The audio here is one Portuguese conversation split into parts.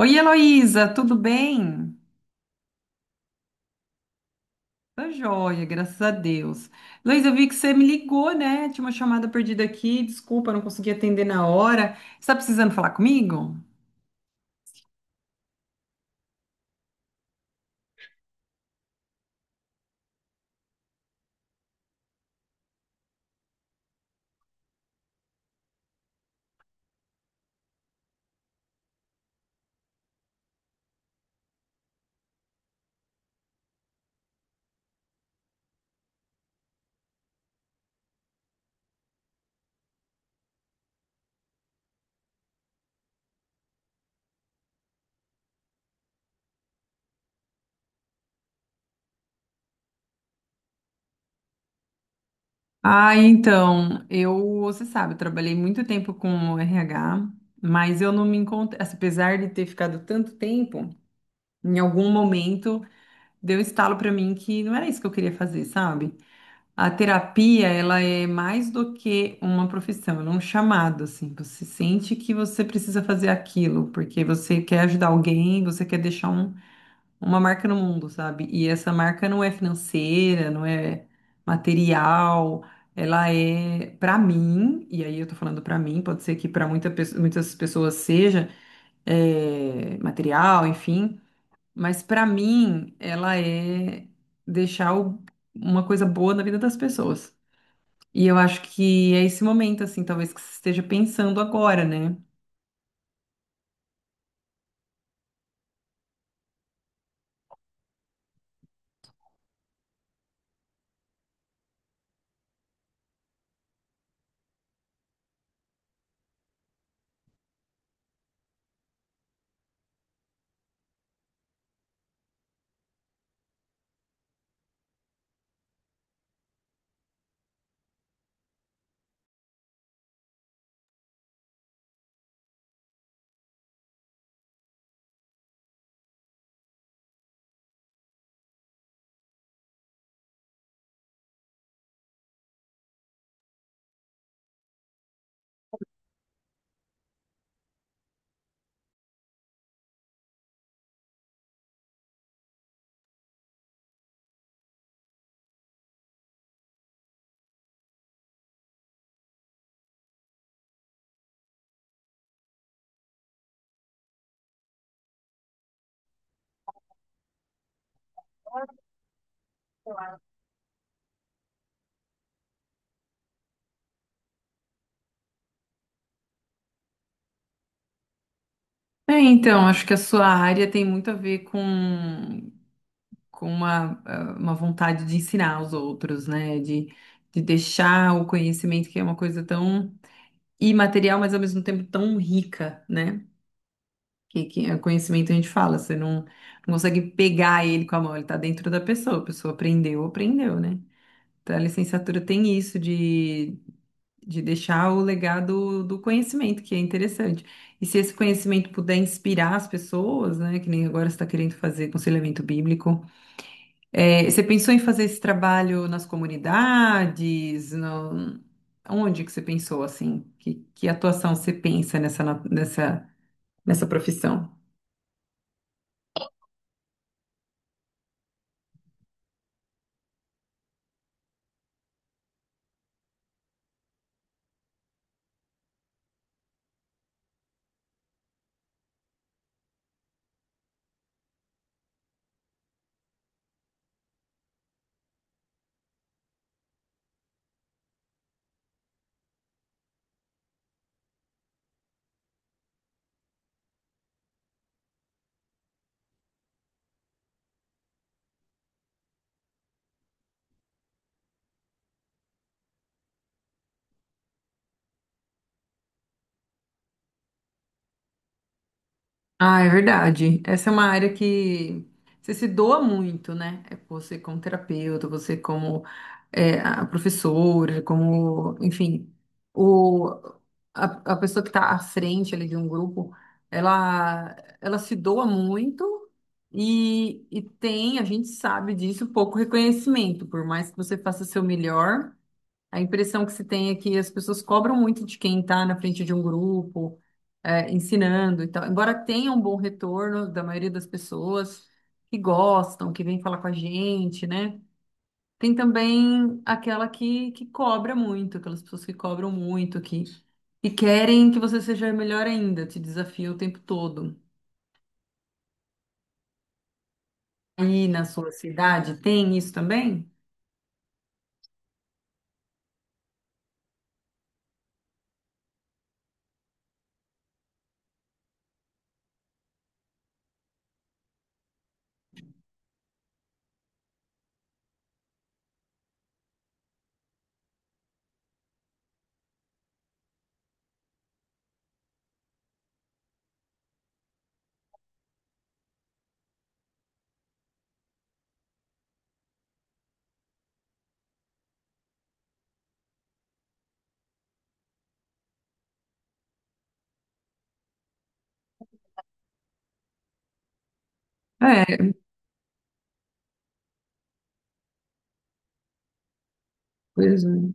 Oi, Heloísa, tudo bem? Tá joia, graças a Deus. Heloísa, eu vi que você me ligou, né? Tinha uma chamada perdida aqui, desculpa, não consegui atender na hora. Você tá precisando falar comigo? Ah, então, eu, você sabe, eu trabalhei muito tempo com RH, mas eu não me encontrei, assim, apesar de ter ficado tanto tempo, em algum momento deu um estalo pra mim que não era isso que eu queria fazer, sabe? A terapia, ela é mais do que uma profissão, ela é um chamado, assim. Você sente que você precisa fazer aquilo, porque você quer ajudar alguém, você quer deixar uma marca no mundo, sabe? E essa marca não é financeira, não é material, ela é pra mim, e aí eu tô falando pra mim, pode ser que para muitas pessoas seja material, enfim, mas pra mim ela é deixar uma coisa boa na vida das pessoas. E eu acho que é esse momento, assim, talvez que você esteja pensando agora, né? É, então, acho que a sua área tem muito a ver com uma, uma vontade de ensinar os outros, né? De deixar o conhecimento, que é uma coisa tão imaterial, mas ao mesmo tempo tão rica, né? Que é conhecimento a gente fala, você não consegue pegar ele com a mão, ele tá dentro da pessoa, a pessoa aprendeu, aprendeu, né? Então a licenciatura tem isso de deixar o legado do conhecimento, que é interessante. E se esse conhecimento puder inspirar as pessoas, né, que nem agora você está querendo fazer aconselhamento bíblico, você pensou em fazer esse trabalho nas comunidades? No... Onde que você pensou assim? Que atuação você pensa nessa profissão? Ah, é verdade. Essa é uma área que você se doa muito, né? É. Você como terapeuta, você como a professora, como, enfim, o, a pessoa que está à frente ali de um grupo, ela se doa muito e tem, a gente sabe disso, pouco reconhecimento. Por mais que você faça seu melhor, a impressão que se tem é que as pessoas cobram muito de quem está na frente de um grupo, ensinando e tal. Embora tenha um bom retorno da maioria das pessoas que gostam, que vem falar com a gente, né? Tem também aquela que cobra muito, aquelas pessoas que cobram muito, que querem que você seja melhor ainda, te desafia o tempo todo. Aí na sua cidade tem isso também? É, pois é.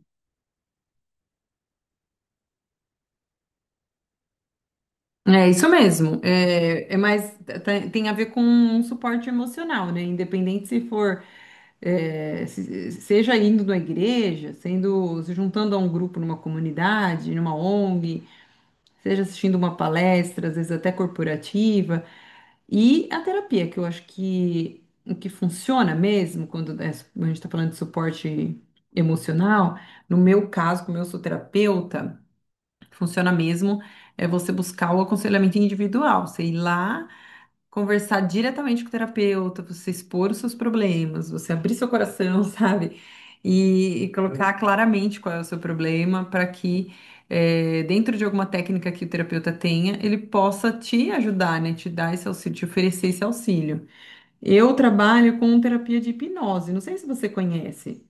É isso mesmo. É, é mais tem tem a ver com um suporte emocional, né? Independente se for seja indo na igreja, sendo se juntando a um grupo numa comunidade, numa ONG, seja assistindo uma palestra, às vezes até corporativa. E a terapia, que eu acho que o que funciona mesmo, quando é a gente está falando de suporte emocional, no meu caso, como eu sou terapeuta, funciona mesmo é você buscar o aconselhamento individual, você ir lá conversar diretamente com o terapeuta, você expor os seus problemas, você abrir seu coração, sabe? E colocar claramente qual é o seu problema para que, dentro de alguma técnica que o terapeuta tenha, ele possa te ajudar, né? Te dar esse auxílio, te oferecer esse auxílio. Eu trabalho com terapia de hipnose, não sei se você conhece.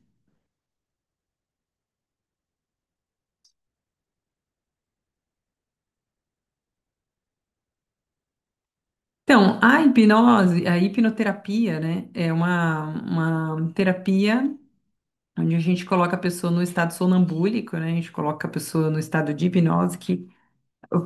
Então, a hipnose, a hipnoterapia, né, é uma terapia onde a gente coloca a pessoa no estado sonambúlico, né? A gente coloca a pessoa no estado de hipnose, que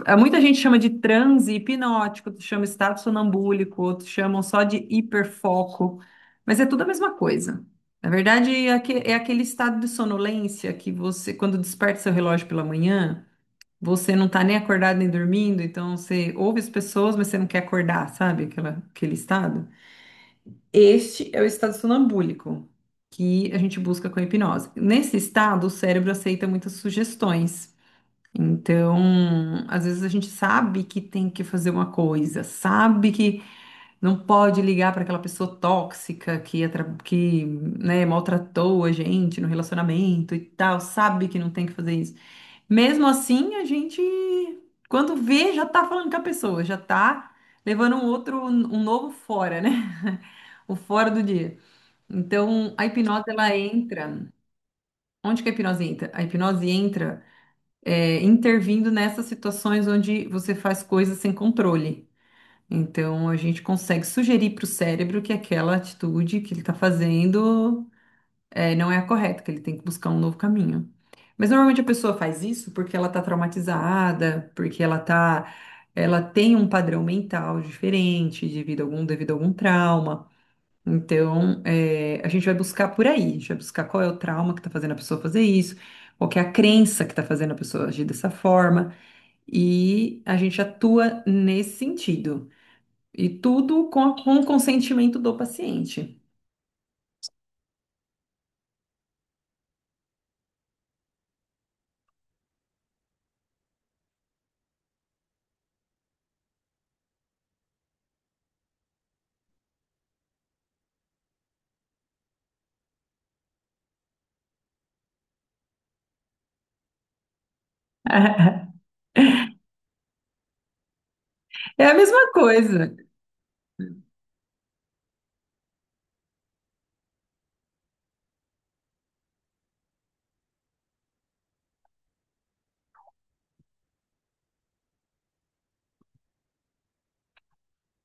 muita gente chama de transe hipnótico, outros chama estado sonambúlico, outros chamam só de hiperfoco, mas é tudo a mesma coisa. Na verdade, é é aquele estado de sonolência que você, quando desperta seu relógio pela manhã, você não tá nem acordado nem dormindo, então você ouve as pessoas, mas você não quer acordar, sabe? Aquela, aquele estado. Este é o estado sonambúlico que a gente busca com a hipnose. Nesse estado, o cérebro aceita muitas sugestões. Então, às vezes a gente sabe que tem que fazer uma coisa, sabe que não pode ligar para aquela pessoa tóxica que, né, maltratou a gente no relacionamento e tal, sabe que não tem que fazer isso. Mesmo assim, a gente, quando vê, já tá falando com a pessoa, já tá levando um outro, um novo fora, né? O fora do dia. Então, a hipnose ela entra. Onde que a hipnose entra? A hipnose entra intervindo nessas situações onde você faz coisas sem controle. Então, a gente consegue sugerir para o cérebro que aquela atitude que ele está fazendo não é a correta, que ele tem que buscar um novo caminho. Mas normalmente a pessoa faz isso porque ela está traumatizada, porque ela tem um padrão mental diferente devido a devido a algum trauma. Então, a gente vai buscar por aí, a gente vai buscar qual é o trauma que está fazendo a pessoa fazer isso, qual que é a crença que está fazendo a pessoa agir dessa forma, e a gente atua nesse sentido. E tudo com o consentimento do paciente. É a mesma coisa.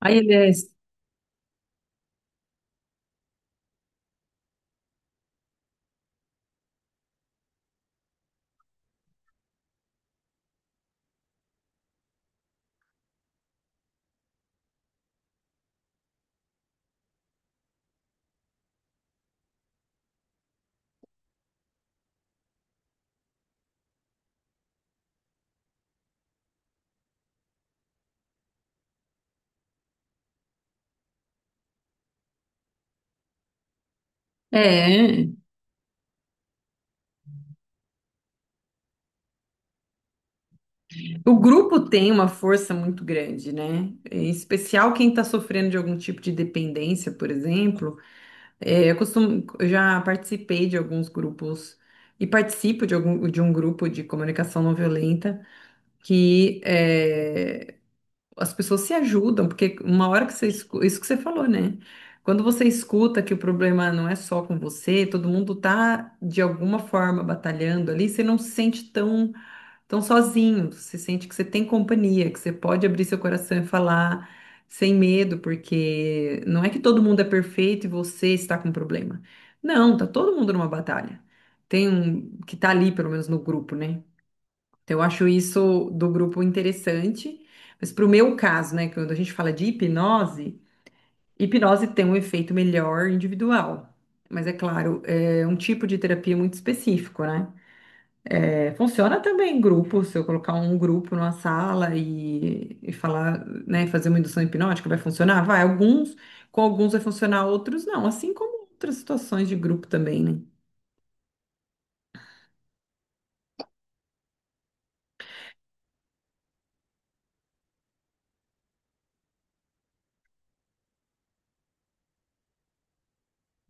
Aí ele é. É, o grupo tem uma força muito grande, né? Em especial quem está sofrendo de algum tipo de dependência, por exemplo. É, eu costumo, eu já participei de alguns grupos e participo de um grupo de comunicação não violenta que é, as pessoas se ajudam, porque uma hora que você escuta, isso que você falou, né? Quando você escuta que o problema não é só com você, todo mundo tá de alguma forma batalhando ali, você não se sente tão sozinho, você sente que você tem companhia, que você pode abrir seu coração e falar sem medo, porque não é que todo mundo é perfeito e você está com um problema. Não, tá todo mundo numa batalha. Tem um que tá ali, pelo menos no grupo, né? Então, eu acho isso do grupo interessante. Mas para o meu caso, né, quando a gente fala de hipnose, hipnose tem um efeito melhor individual. Mas é claro, é um tipo de terapia muito específico, né? É, funciona também em grupo, se eu colocar um grupo numa sala e falar, né, fazer uma indução hipnótica, vai funcionar? Vai, alguns, com alguns vai funcionar, outros não, assim como outras situações de grupo também, né?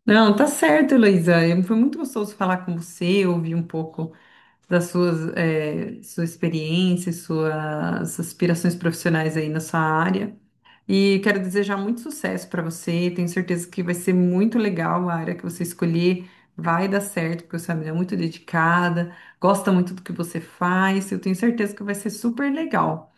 Não, tá certo, Heloísa. Eu- foi muito gostoso falar com você, ouvir um pouco das suas, sua experiência, suas aspirações profissionais aí na sua área. E quero desejar muito sucesso para você. Tenho certeza que vai ser muito legal a área que você escolher. Vai dar certo, porque você é uma mulher muito dedicada, gosta muito do que você faz. Eu tenho certeza que vai ser super legal.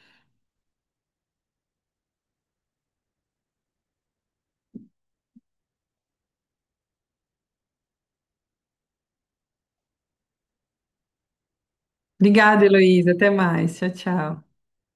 Obrigada, Heloísa. Até mais. Tchau, tchau.